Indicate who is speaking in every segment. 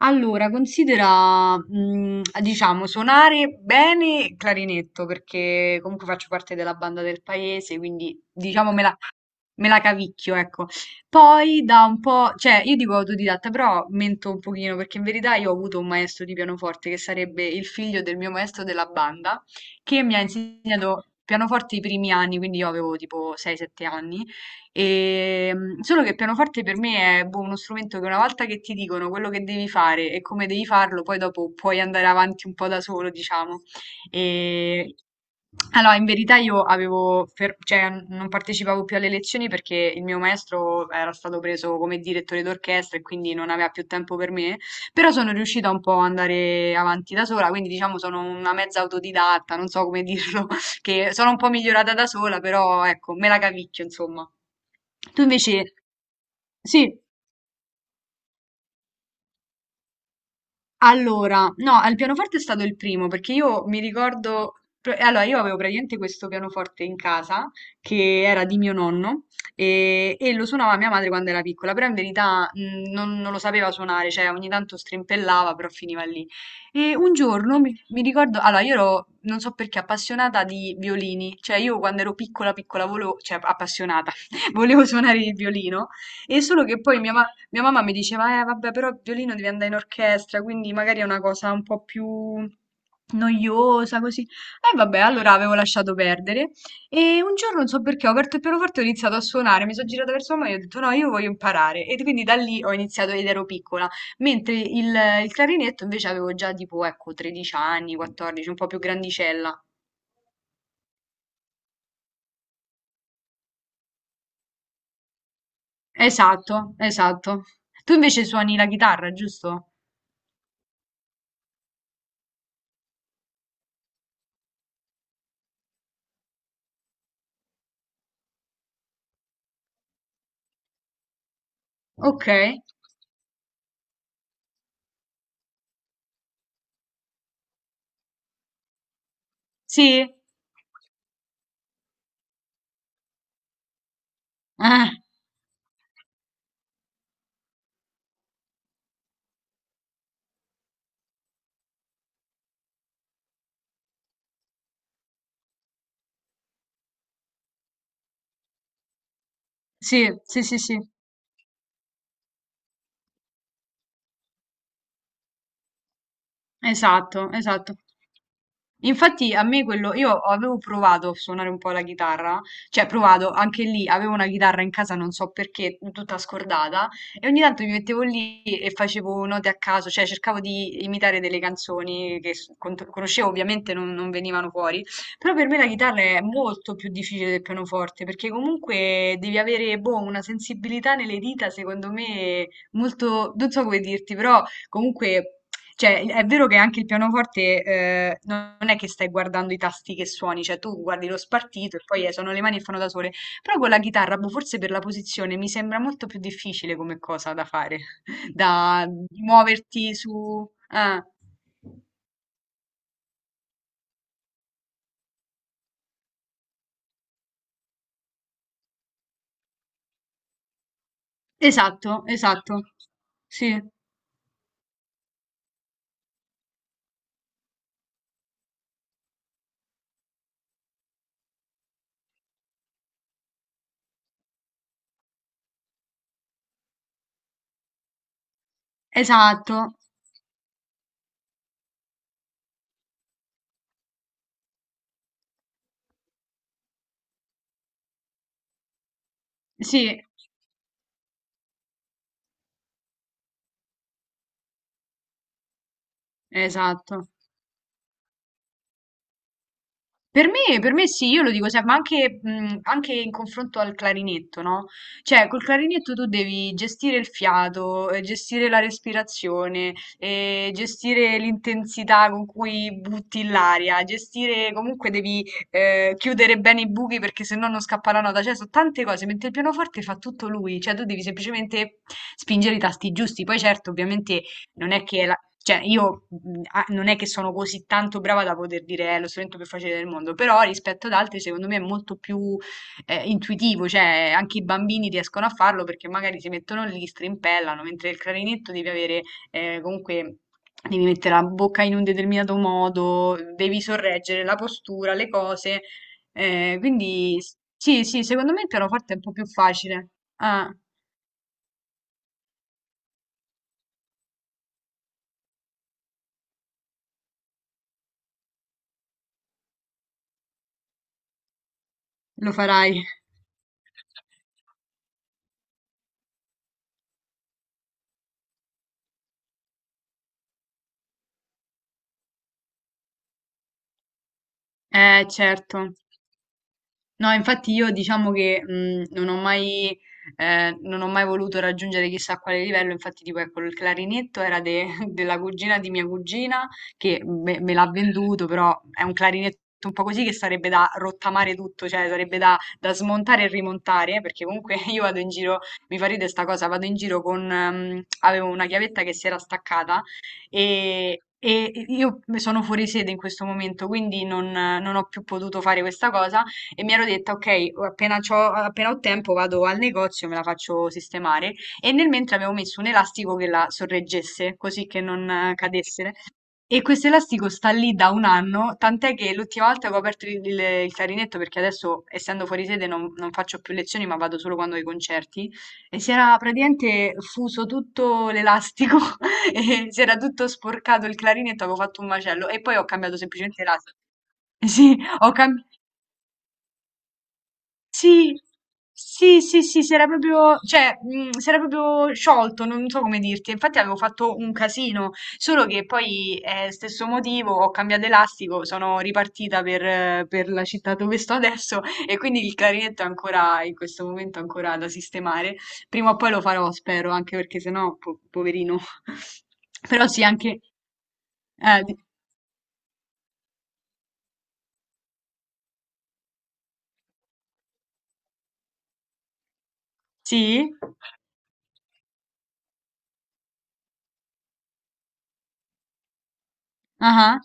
Speaker 1: Allora, considera, diciamo, suonare bene il clarinetto, perché comunque faccio parte della banda del paese, quindi me la cavicchio, ecco. Poi da un po', cioè io dico autodidatta, però mento un pochino perché in verità io ho avuto un maestro di pianoforte che sarebbe il figlio del mio maestro della banda, che mi ha insegnato pianoforte i primi anni, quindi io avevo tipo 6-7 anni, e, solo che il pianoforte per me è boh, uno strumento che una volta che ti dicono quello che devi fare e come devi farlo, poi dopo puoi andare avanti un po' da solo, diciamo. E allora, in verità io avevo, cioè, non partecipavo più alle lezioni perché il mio maestro era stato preso come direttore d'orchestra e quindi non aveva più tempo per me, però sono riuscita un po' ad andare avanti da sola, quindi diciamo sono una mezza autodidatta, non so come dirlo, che sono un po' migliorata da sola, però ecco, me la cavicchio, insomma. Tu invece, sì. Allora, no, al pianoforte è stato il primo perché io mi ricordo, allora io avevo praticamente questo pianoforte in casa che era di mio nonno e lo suonava mia madre quando era piccola, però in verità non lo sapeva suonare, cioè ogni tanto strimpellava, però finiva lì. E un giorno mi ricordo, allora io ero, non so perché, appassionata di violini, cioè io quando ero piccola, piccola, volevo, cioè appassionata, volevo suonare il violino. E solo che poi mia mamma mi diceva, vabbè, però il violino devi andare in orchestra, quindi magari è una cosa un po' più noiosa, così. E vabbè, allora avevo lasciato perdere. E un giorno, non so perché, ho aperto il pianoforte e ho iniziato a suonare. Mi sono girata verso mamma e ho detto, no, io voglio imparare. E quindi da lì ho iniziato ed ero piccola. Mentre il, il clarinetto invece avevo già tipo, ecco, 13 anni, 14, un po' più grandicella. Esatto, esatto. Tu invece suoni la chitarra, giusto? Ok. Sì. Ah. Sì, sì, sì, sì, esatto, esatto. Infatti a me quello, io avevo provato a suonare un po' la chitarra, cioè provato anche lì, avevo una chitarra in casa, non so perché, tutta scordata, e ogni tanto mi mettevo lì e facevo note a caso, cioè cercavo di imitare delle canzoni che conoscevo, ovviamente non venivano fuori, però per me la chitarra è molto più difficile del pianoforte, perché comunque devi avere, boh, una sensibilità nelle dita, secondo me, molto, non so come dirti, però comunque cioè, è vero che anche il pianoforte, non è che stai guardando i tasti che suoni, cioè tu guardi lo spartito e poi sono le mani che fanno da sole. Però con la chitarra, boh, forse per la posizione, mi sembra molto più difficile come cosa da fare, da di muoverti su... ah. Esatto, esatto. Sì, esatto. Sì, esatto. Per me sì, io lo dico sempre, ma anche anche in confronto al clarinetto, no, cioè col clarinetto tu devi gestire il fiato, gestire la respirazione, gestire l'intensità con cui butti l'aria, gestire comunque devi, chiudere bene i buchi perché se no non scappa la nota, cioè so' tante cose, mentre il pianoforte fa tutto lui, cioè tu devi semplicemente spingere i tasti giusti. Poi certo ovviamente non è che la cioè, io non è che sono così tanto brava da poter dire è lo strumento più facile del mondo, però rispetto ad altri, secondo me è molto più intuitivo, cioè anche i bambini riescono a farlo perché magari si mettono lì, strimpellano, mentre il clarinetto devi avere comunque. Devi mettere la bocca in un determinato modo, devi sorreggere la postura, le cose. Quindi sì, sì, secondo me il pianoforte è un po' più facile. Ah, lo farai. Certo. No, infatti io diciamo che non ho mai voluto raggiungere chissà quale livello, infatti tipo ecco il clarinetto era della cugina di mia cugina che me l'ha venduto, però è un clarinetto un po' così che sarebbe da rottamare tutto, cioè sarebbe da, da smontare e rimontare, perché comunque io vado in giro, mi fa ridere sta cosa, vado in giro con, avevo una chiavetta che si era staccata e... E io sono fuori sede in questo momento, quindi non ho più potuto fare questa cosa e mi ero detta, ok, appena ho tempo vado al negozio, me la faccio sistemare. E nel mentre avevo messo un elastico che la sorreggesse, così che non cadesse. E questo elastico sta lì da un anno, tant'è che l'ultima volta che ho aperto il clarinetto, perché adesso essendo fuori sede non faccio più lezioni, ma vado solo quando ho i concerti, e si era praticamente fuso tutto l'elastico, e si era tutto sporcato il clarinetto, avevo fatto un macello, e poi ho cambiato semplicemente l'elastico. Sì, ho cambiato. Sì, sì, sì, sì, si era proprio, cioè, si era proprio sciolto, non so come dirti. Infatti avevo fatto un casino, solo che poi, stesso motivo, ho cambiato elastico, sono ripartita per la città dove sto adesso e quindi il clarinetto è ancora, in questo momento, ancora da sistemare. Prima o poi lo farò, spero, anche perché sennò, poverino. Però sì, anche... eh, di- sì? Ah ah.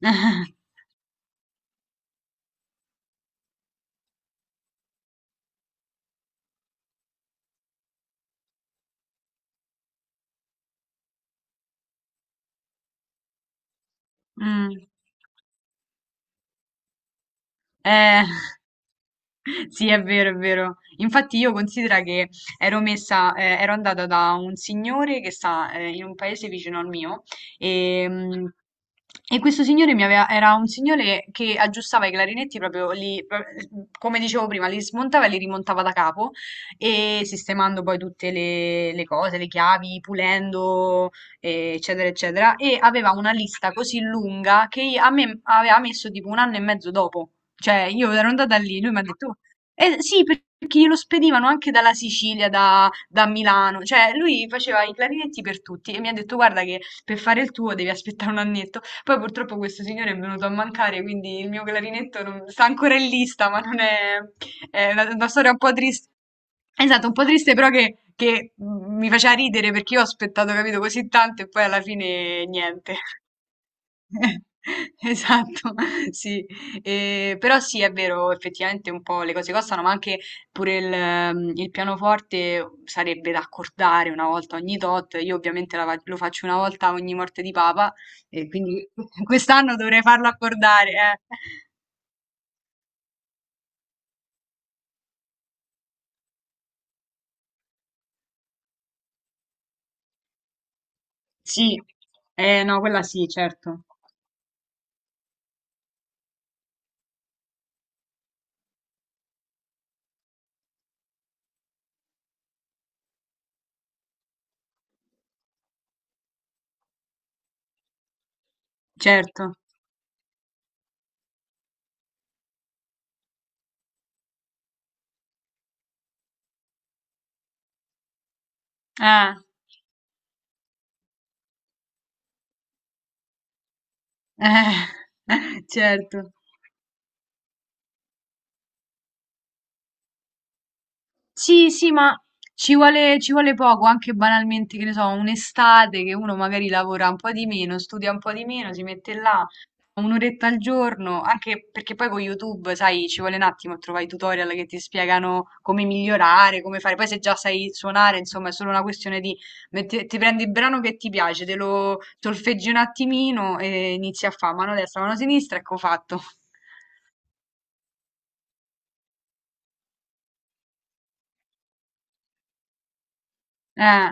Speaker 1: Mm. Eh, sì, è vero, è vero. Infatti io considero che ero messa, ero andata da un signore che sta, in un paese vicino al mio e, e questo signore mi aveva, era un signore che aggiustava i clarinetti proprio lì, come dicevo prima, li smontava e li rimontava da capo e sistemando poi tutte le cose, le chiavi, pulendo, eccetera, eccetera. E aveva una lista così lunga che a me aveva messo tipo un anno e mezzo dopo. Cioè, io ero andata lì, lui mi ha detto, "Oh, sì, perché glielo spedivano anche dalla Sicilia, da Milano, cioè lui faceva i clarinetti per tutti e mi ha detto, guarda che per fare il tuo devi aspettare un annetto. Poi purtroppo questo signore è venuto a mancare, quindi il mio clarinetto sta ancora in lista, ma non è, è una storia un po' triste. Esatto, un po' triste però che mi faceva ridere perché io ho aspettato, capito, così tanto e poi alla fine niente. Esatto, sì. Però sì, è vero, effettivamente un po' le cose costano, ma anche pure il pianoforte sarebbe da accordare una volta ogni tot. Io ovviamente lo faccio una volta ogni morte di papa, e quindi quest'anno dovrei farlo accordare, eh. Sì, no, quella sì, certo, certo. Ah, certo. Sì, sì, ma ci vuole poco, anche banalmente, che ne so, un'estate che uno magari lavora un po' di meno, studia un po' di meno, si mette là un'oretta al giorno, anche perché poi con YouTube, sai, ci vuole un attimo a trovare i tutorial che ti spiegano come migliorare, come fare. Poi se già sai suonare, insomma, è solo una questione di ti prendi il brano che ti piace, te lo solfeggi un attimino e inizi a fare mano destra, mano sinistra, ecco fatto. Eh.